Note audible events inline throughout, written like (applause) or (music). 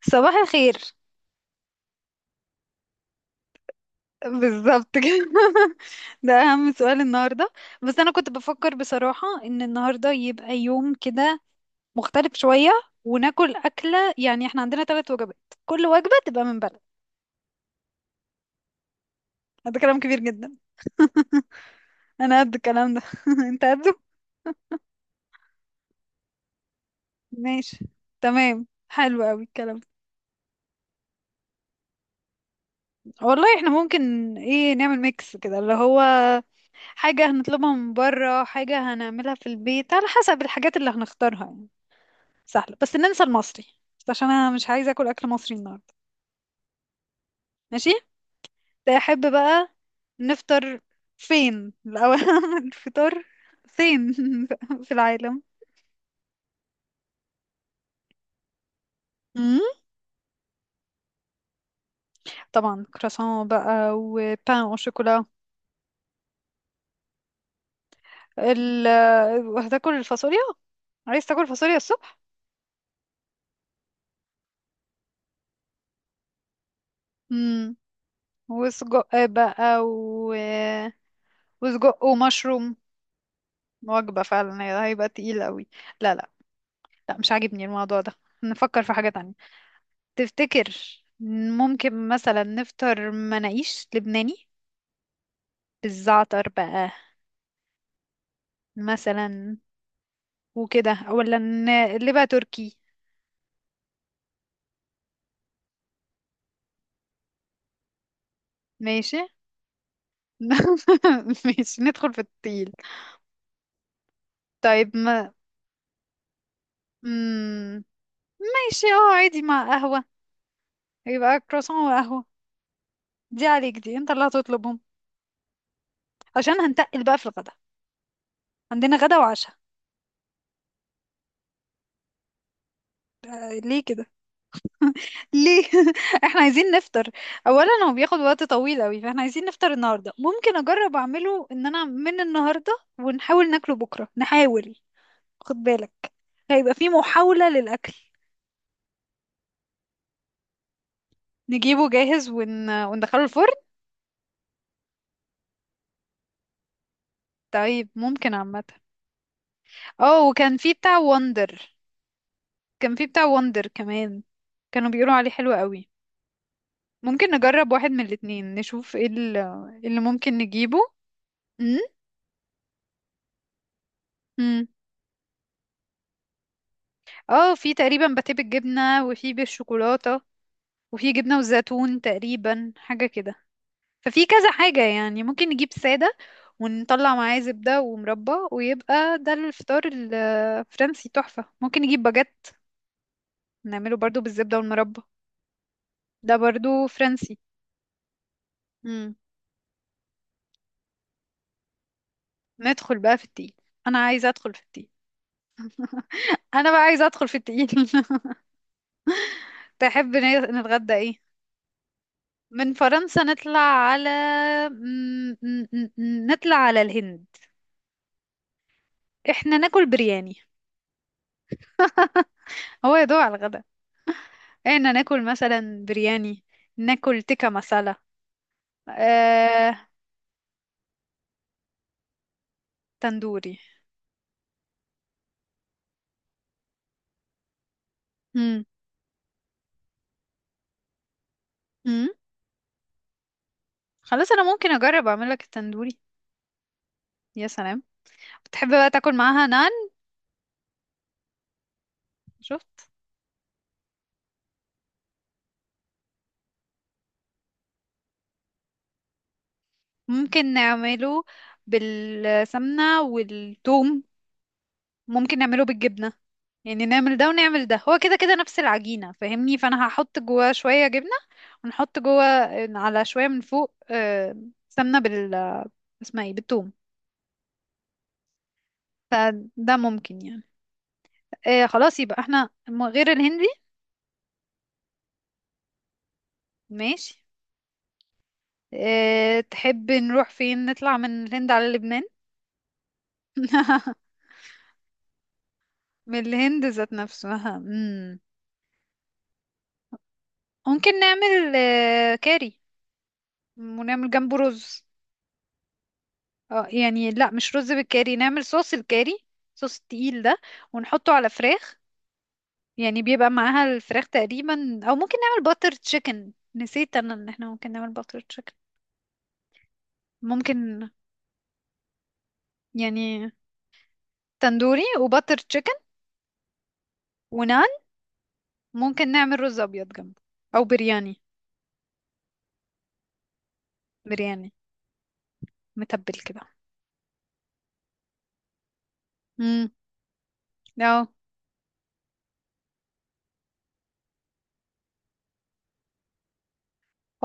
صباح الخير. بالظبط كده. (laughs) ده اهم سؤال النهارده. بس انا كنت بفكر بصراحه ان النهارده يبقى يوم كده مختلف شويه، وناكل اكله. احنا عندنا ثلاث وجبات، كل وجبه تبقى من بلد. هذا كلام كبير جدا. (laughs) انا قد الكلام ده. (laughs) انت قده. ماشي، تمام، حلو قوي الكلام ده. والله احنا ممكن، ايه، نعمل ميكس كده، اللي هو حاجه هنطلبها من بره، حاجه هنعملها في البيت، على حسب الحاجات اللي هنختارها يعني. سهلة، بس ننسى المصري، بس عشان انا مش عايزة اكل اكل مصري النهاردة. ماشي، احب بقى نفطر فين الاول؟ (laughs) الفطار فين؟ (laughs) في العالم. مم؟ طبعا كراسون بقى وبان او شوكولا. ال... هتاكل الفاصوليا؟ عايز تاكل فاصوليا الصبح؟ مم. وسجق بقى وسجق ومشروم. وجبة فعلا هيبقى تقيل قوي. لا لا، لا مش عاجبني الموضوع ده، نفكر في حاجة تانية. تفتكر؟ ممكن مثلا نفطر مناقيش لبناني بالزعتر بقى، مثلا، وكده، ولا لبقى تركي؟ ماشي. (laughs) ماشي، ندخل في التقيل. طيب ما. مم، ماشي، اه عادي مع قهوة، يبقى كرواسون وقهوة. دي عليك، دي انت اللي هتطلبهم، عشان هنتقل بقى في الغدا، عندنا غدا وعشاء. ليه كده؟ ليه؟ (laughs) احنا عايزين نفطر. اولا هو بياخد وقت طويل قوي، فاحنا عايزين نفطر النهارده، ممكن اجرب اعمله ان انا من النهارده، ونحاول ناكله بكره، نحاول. خد بالك، هيبقى في محاولة للاكل. نجيبه جاهز، وندخله الفرن. طيب ممكن عامة. اه، وكان في بتاع وندر، كان في بتاع وندر كمان، كانوا بيقولوا عليه حلو قوي. ممكن نجرب واحد من الاتنين، نشوف ايه اللي ممكن نجيبه. امم. امم، اه، في تقريبا باتيه بالجبنة، وفي بالشوكولاتة، وفي جبنة وزيتون، تقريبا حاجة كده. ففي كذا حاجة يعني، ممكن نجيب سادة ونطلع معاه زبدة ومربى، ويبقى ده الفطار الفرنسي تحفة. ممكن نجيب باجيت نعمله برضو بالزبدة والمربى، ده برضو فرنسي. مم. ندخل بقى في التقيل. انا عايزة ادخل في التقيل. (laughs) انا بقى عايزة ادخل في التقيل. (laughs) تحب نتغدى ايه؟ من فرنسا نطلع على، نطلع على الهند. احنا ناكل برياني. هو يدوق على الغدا. إيه، إن ناكل مثلا برياني، ناكل تيكا مسالة، آه، تندوري. مم. مم. خلاص أنا ممكن أجرب أعمل لك التندوري. يا سلام. بتحب بقى تاكل معاها نان؟ شفت. ممكن نعمله بالسمنة والثوم، ممكن نعمله بالجبنة، يعني نعمل ده ونعمل ده، هو كده كده نفس العجينة، فاهمني؟ فأنا هحط جواه شوية جبنة، ونحط جوه على شوية من فوق، آه، سمنة بال، آه، اسمها ايه، بالثوم. فده ممكن يعني. آه، خلاص يبقى احنا، غير الهندي. ماشي. آه، تحب نروح فين؟ نطلع من الهند على لبنان؟ (laughs) من الهند ذات نفسها. مم. ممكن نعمل، آه، كاري، ونعمل جنبه رز. اه يعني لا، مش رز بالكاري، نعمل صوص الكاري، صوص التقيل ده، ونحطه على فراخ، يعني بيبقى معاها الفراخ تقريبا. او ممكن نعمل باتر تشيكن، نسيت انا ان احنا ممكن نعمل باتر تشيكن. ممكن يعني، تندوري وباتر تشيكن ونعم. ممكن نعمل رز ابيض جنبه، او برياني. برياني متبل كده. امم. اه،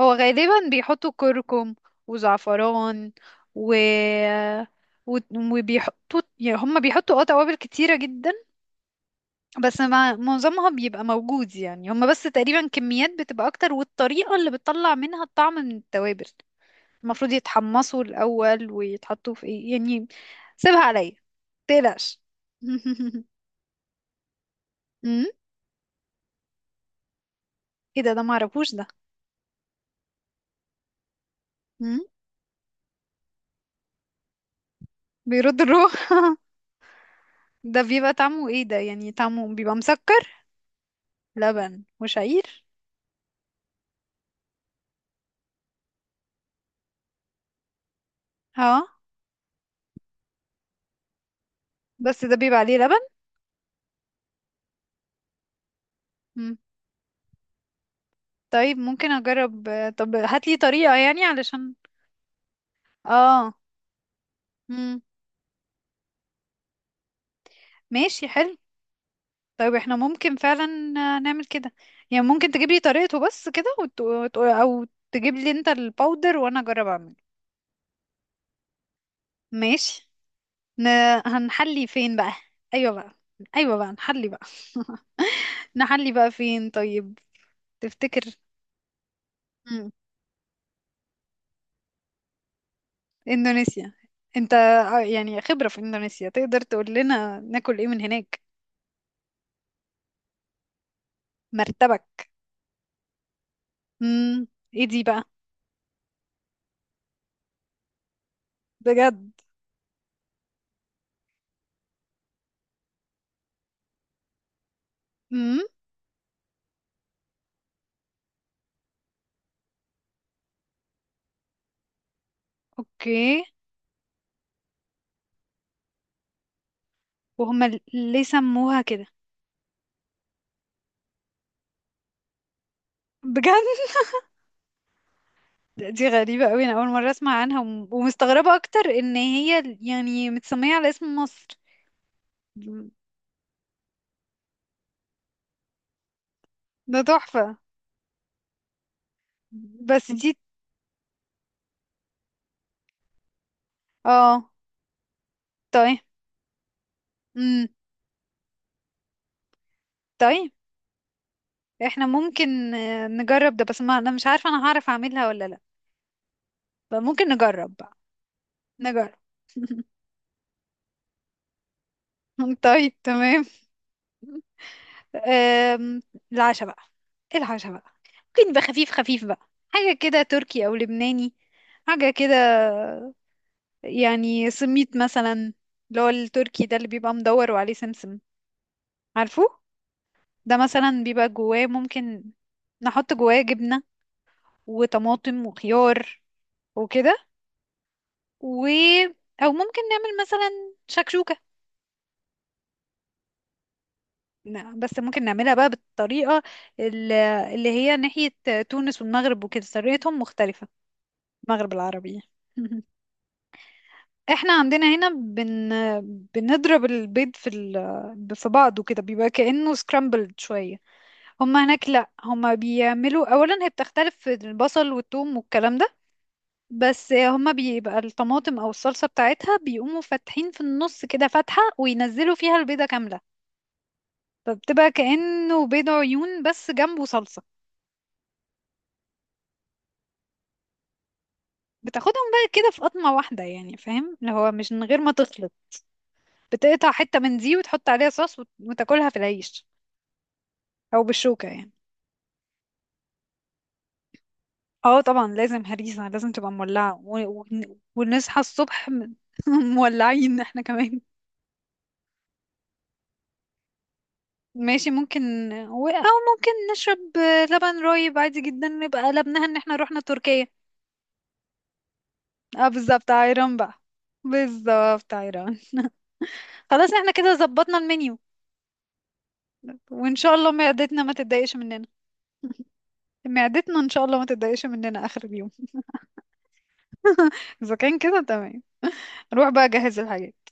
هو غالبا بيحطوا كركم وزعفران، و، و- وبيحطوا، يعني هم بيحطوا اه توابل كتيرة جدا، بس معظمها بيبقى موجود يعني، هم بس تقريبا كميات بتبقى اكتر، والطريقة اللي بتطلع منها الطعم من التوابل، المفروض يتحمصوا الأول، ويتحطوا في ايه يعني. سيبها عليا، متقلقش. (laughs) امم. ايه ده؟ ده معرفوش ده. بيرد الروح. ده بيبقى طعمه ايه ده؟ يعني طعمه بيبقى مسكر؟ لبن وشعير؟ اه، بس ده بيبقى عليه لبن. مم. طيب ممكن اجرب، آه، طب هاتلي طريقة يعني علشان. اه. مم. ماشي، حلو. طيب احنا ممكن فعلا، آه، نعمل كده يعني. ممكن تجيب لي طريقته بس كده، او تجيب لي انت الباودر وانا اجرب اعمل. ماشي. ن... هنحلي فين بقى؟ ايوه بقى، ايوه بقى نحلي بقى. (laughs) نحلي بقى فين طيب؟ تفتكر؟ اندونيسيا. انت يعني خبرة في اندونيسيا، تقدر تقول لنا ناكل ايه من هناك. مرتبك. امم. ايه دي بقى؟ بجد؟ امم. اوكي. وهم، ليه سموها كده؟ بجد؟ دي غريبة قوي، انا اول مرة اسمع عنها، ومستغربة اكتر ان هي يعني متسمية على اسم مصر. ده تحفة. بس دي، اه. طيب. امم. طيب احنا ممكن، آه، نجرب ده، بس ما انا مش عارفة انا هعرف اعملها ولا لا، فممكن نجرب بقى. نجرب. (laughs) طيب تمام. أم... العشاء بقى. ايه العشاء بقى؟ ممكن يبقى خفيف خفيف بقى، حاجة كده تركي أو لبناني، حاجة كده. يعني سميت مثلا، اللي هو التركي ده اللي بيبقى مدور وعليه سمسم، عارفه؟ ده مثلا بيبقى جواه ممكن نحط جواه جبنة وطماطم وخيار وكده، و، أو ممكن نعمل مثلا شكشوكة. نعم، بس ممكن نعملها بقى بالطريقة ال- اللي هي ناحية تونس والمغرب وكده، طريقتهم مختلفة. المغرب العربي. (laughs) احنا عندنا هنا بنضرب البيض في في بعضه كده، بيبقى كأنه سكرامبلد شوية. هما هناك لا، هما بيعملوا اولا، هي بتختلف في البصل والثوم والكلام ده، بس هما بيبقى الطماطم او الصلصة بتاعتها بيقوموا فاتحين في النص كده فتحة، وينزلوا فيها البيضة كاملة. فبتبقى كأنه بيض عيون بس جنبه صلصة. بتاخدهم بقى كده في قطمة واحدة يعني، فاهم؟ اللي هو مش من غير ما تخلط، بتقطع حتة من دي وتحط عليها صوص، وتاكلها في العيش، أو بالشوكة يعني. اه طبعا لازم هريسة، لازم تبقى مولعة، ونصحى الصبح (laughs) مولعين احنا كمان. ماشي ممكن. أو ممكن نشرب لبن رايب عادي جدا، نبقى قلبناها ان احنا رحنا تركيا. اه بالظبط، عيران بقى. بالظبط، عيران. (laughs) خلاص، احنا كده ظبطنا المنيو. وان شاء الله معدتنا ما تتضايقش مننا. معدتنا ان شاء الله ما تتضايقش مننا اخر اليوم. (laughs) اذا كان كده تمام، نروح بقى اجهز الحاجات.